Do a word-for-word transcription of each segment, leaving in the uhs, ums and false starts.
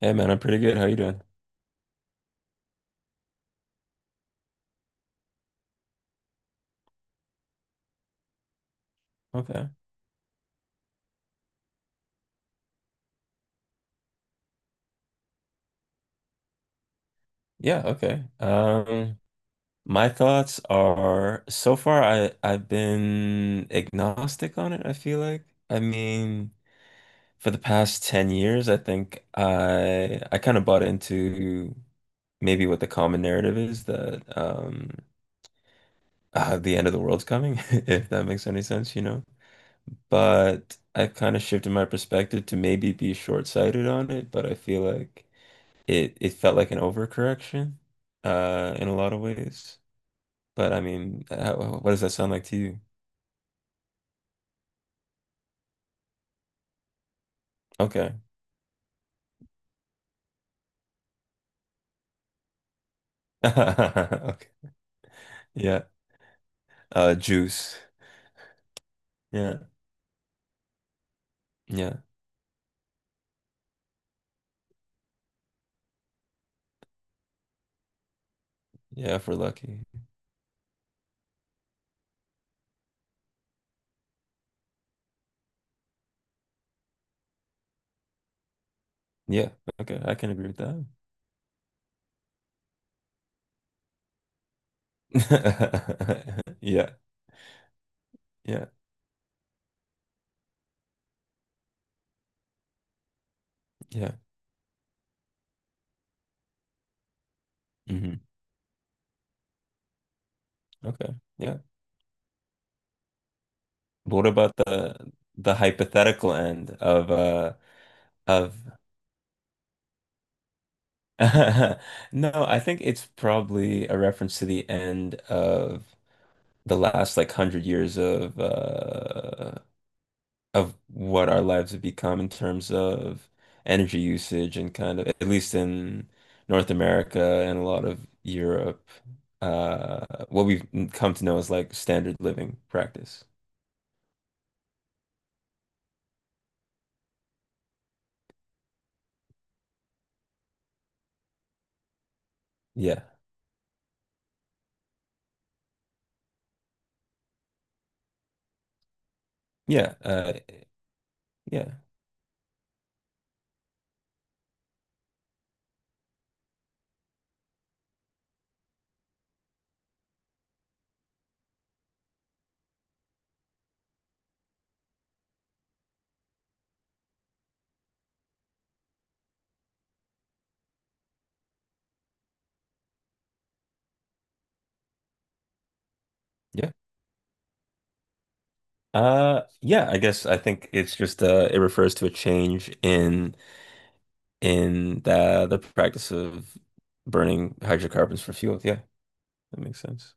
Hey man, I'm pretty good. How you doing? Okay. Yeah, okay. Um, my thoughts are so far I I've been agnostic on it, I feel like. I mean, for the past ten years, I think I I kind of bought into maybe what the common narrative is that um uh, the end of the world's coming, if that makes any sense, you know. But I've kind of shifted my perspective to maybe be short-sighted on it, but I feel like it it felt like an overcorrection uh in a lot of ways, but I mean how, what does that sound like to you? Okay. Okay. Yeah. Uh, juice. Yeah. Yeah. Yeah, if we're lucky. Yeah, okay, I can agree with that. Yeah. Yeah. Yeah. Hmm. Okay. Yeah, but what about the the hypothetical end of uh of No, I think it's probably a reference to the end of the last like hundred years of uh of what our lives have become in terms of energy usage and kind of, at least in North America and a lot of Europe, uh what we've come to know as like standard living practice. Yeah. Yeah. Uh, yeah. Yeah. Uh yeah, I guess I think it's just uh it refers to a change in in the the practice of burning hydrocarbons for fuel. Yeah, that makes sense.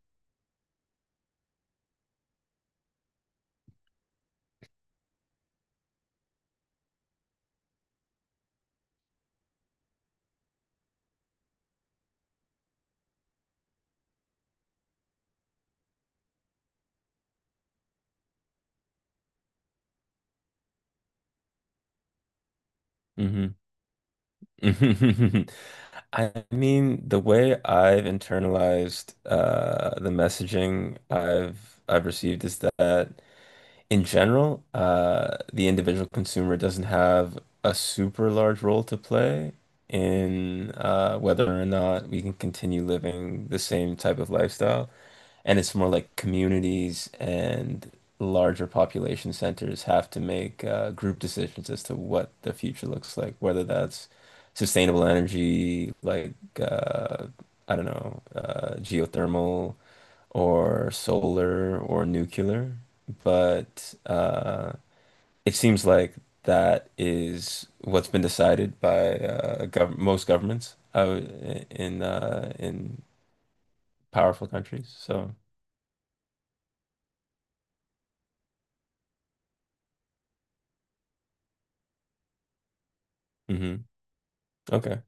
Hmm. I mean, the way I've internalized uh, the messaging I've I've received is that in general, uh, the individual consumer doesn't have a super large role to play in uh, whether or not we can continue living the same type of lifestyle. And it's more like communities and larger population centers have to make uh, group decisions as to what the future looks like, whether that's sustainable energy, like uh, I don't know, uh, geothermal or solar or nuclear, but uh, it seems like that is what's been decided by uh, gov most governments uh, in uh, in powerful countries. So, hmm. Okay.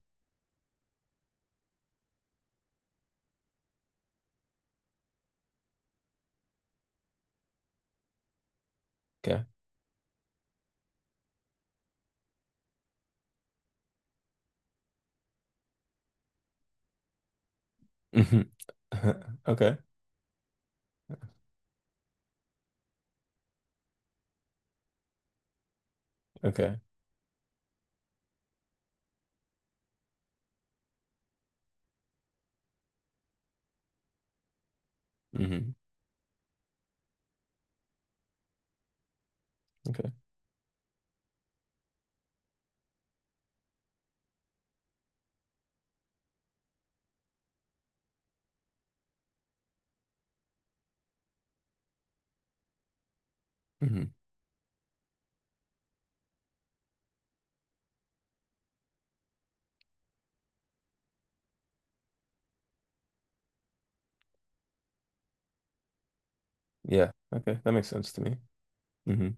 Okay. Hmm. Okay. Okay. Hmm. Okay. Hmm. Yeah, okay, that makes sense to me. Hmm.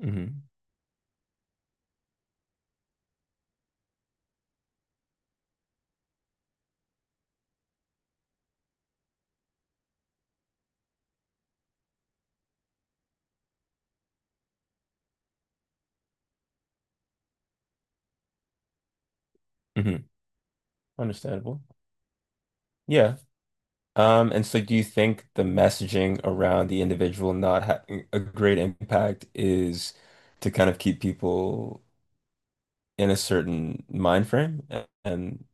Hmm. Hmm. Understandable. Yeah. Um, and so do you think the messaging around the individual not having a great impact is to kind of keep people in a certain mind frame? A- And,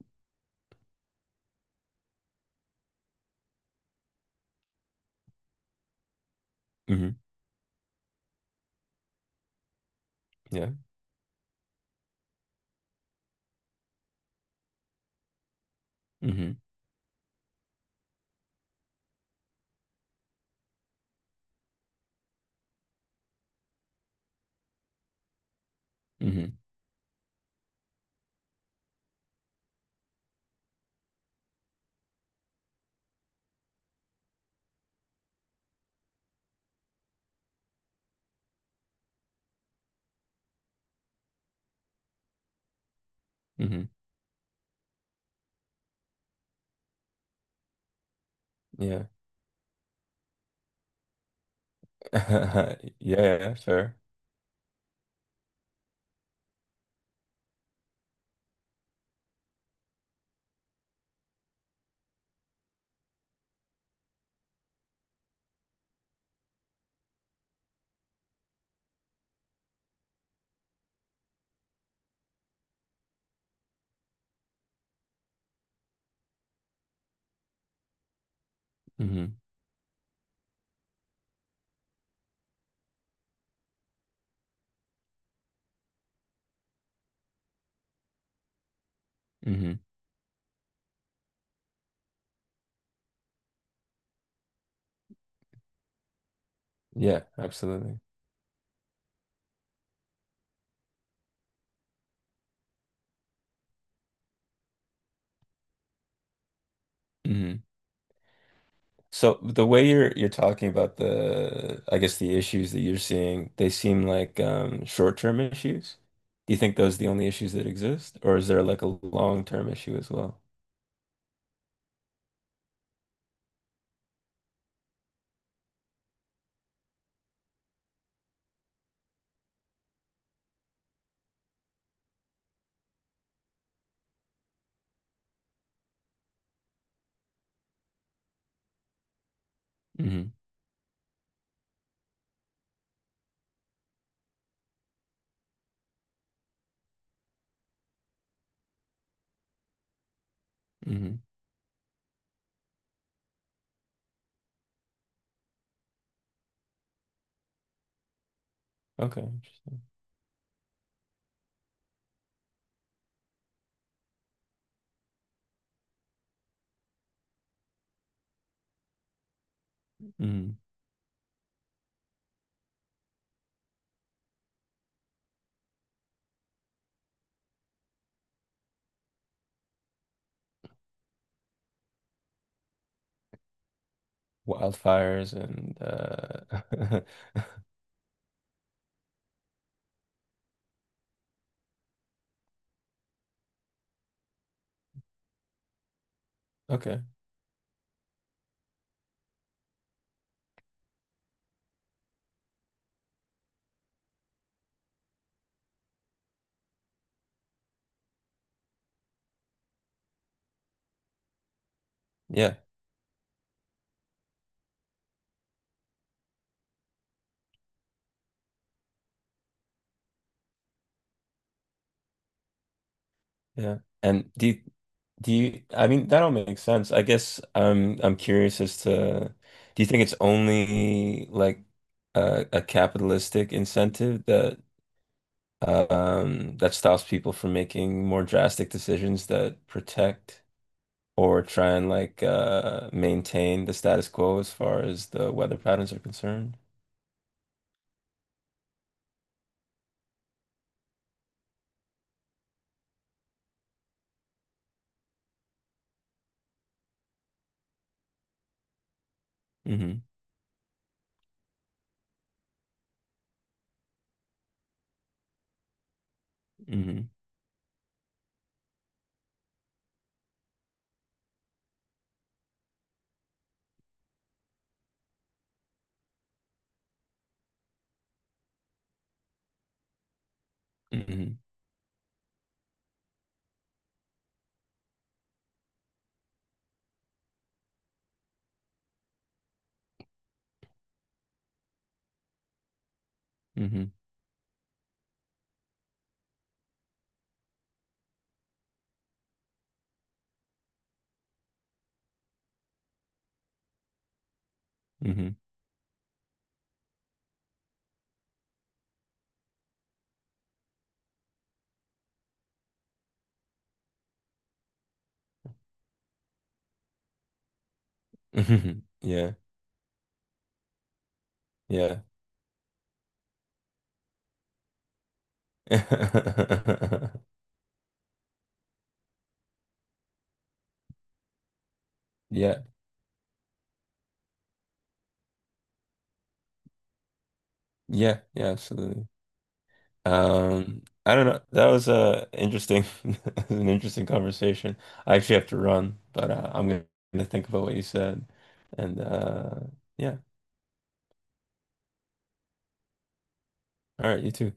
hmm, yeah. Hmm. Hmm. Hmm. Yeah. Yeah, yeah, fair. Hmm. Hmm. Yeah, absolutely. Hmm. So the way you're you're talking about the, I guess the issues that you're seeing, they seem like um, short-term issues. Do you think those are the only issues that exist, or is there like a long-term issue as well? Hmm. Hmm. Okay. Interesting. Hmm. Wildfires and uh, okay. Yeah. Yeah. And do you, do you, I mean, that all makes sense. I guess I'm I'm curious as to, do you think it's only like a, a capitalistic incentive that um, that stops people from making more drastic decisions that protect or try and like uh, maintain the status quo as far as the weather patterns are concerned. Hmm. Hmm. Hmm. Hmm. Hmm. Hmm. Yeah, yeah. Yeah, yeah, yeah, absolutely. Um, I don't know. That was uh interesting, that was an interesting conversation. I actually have to run, but uh, I'm gonna think about what you said, and uh, yeah. All right, you too.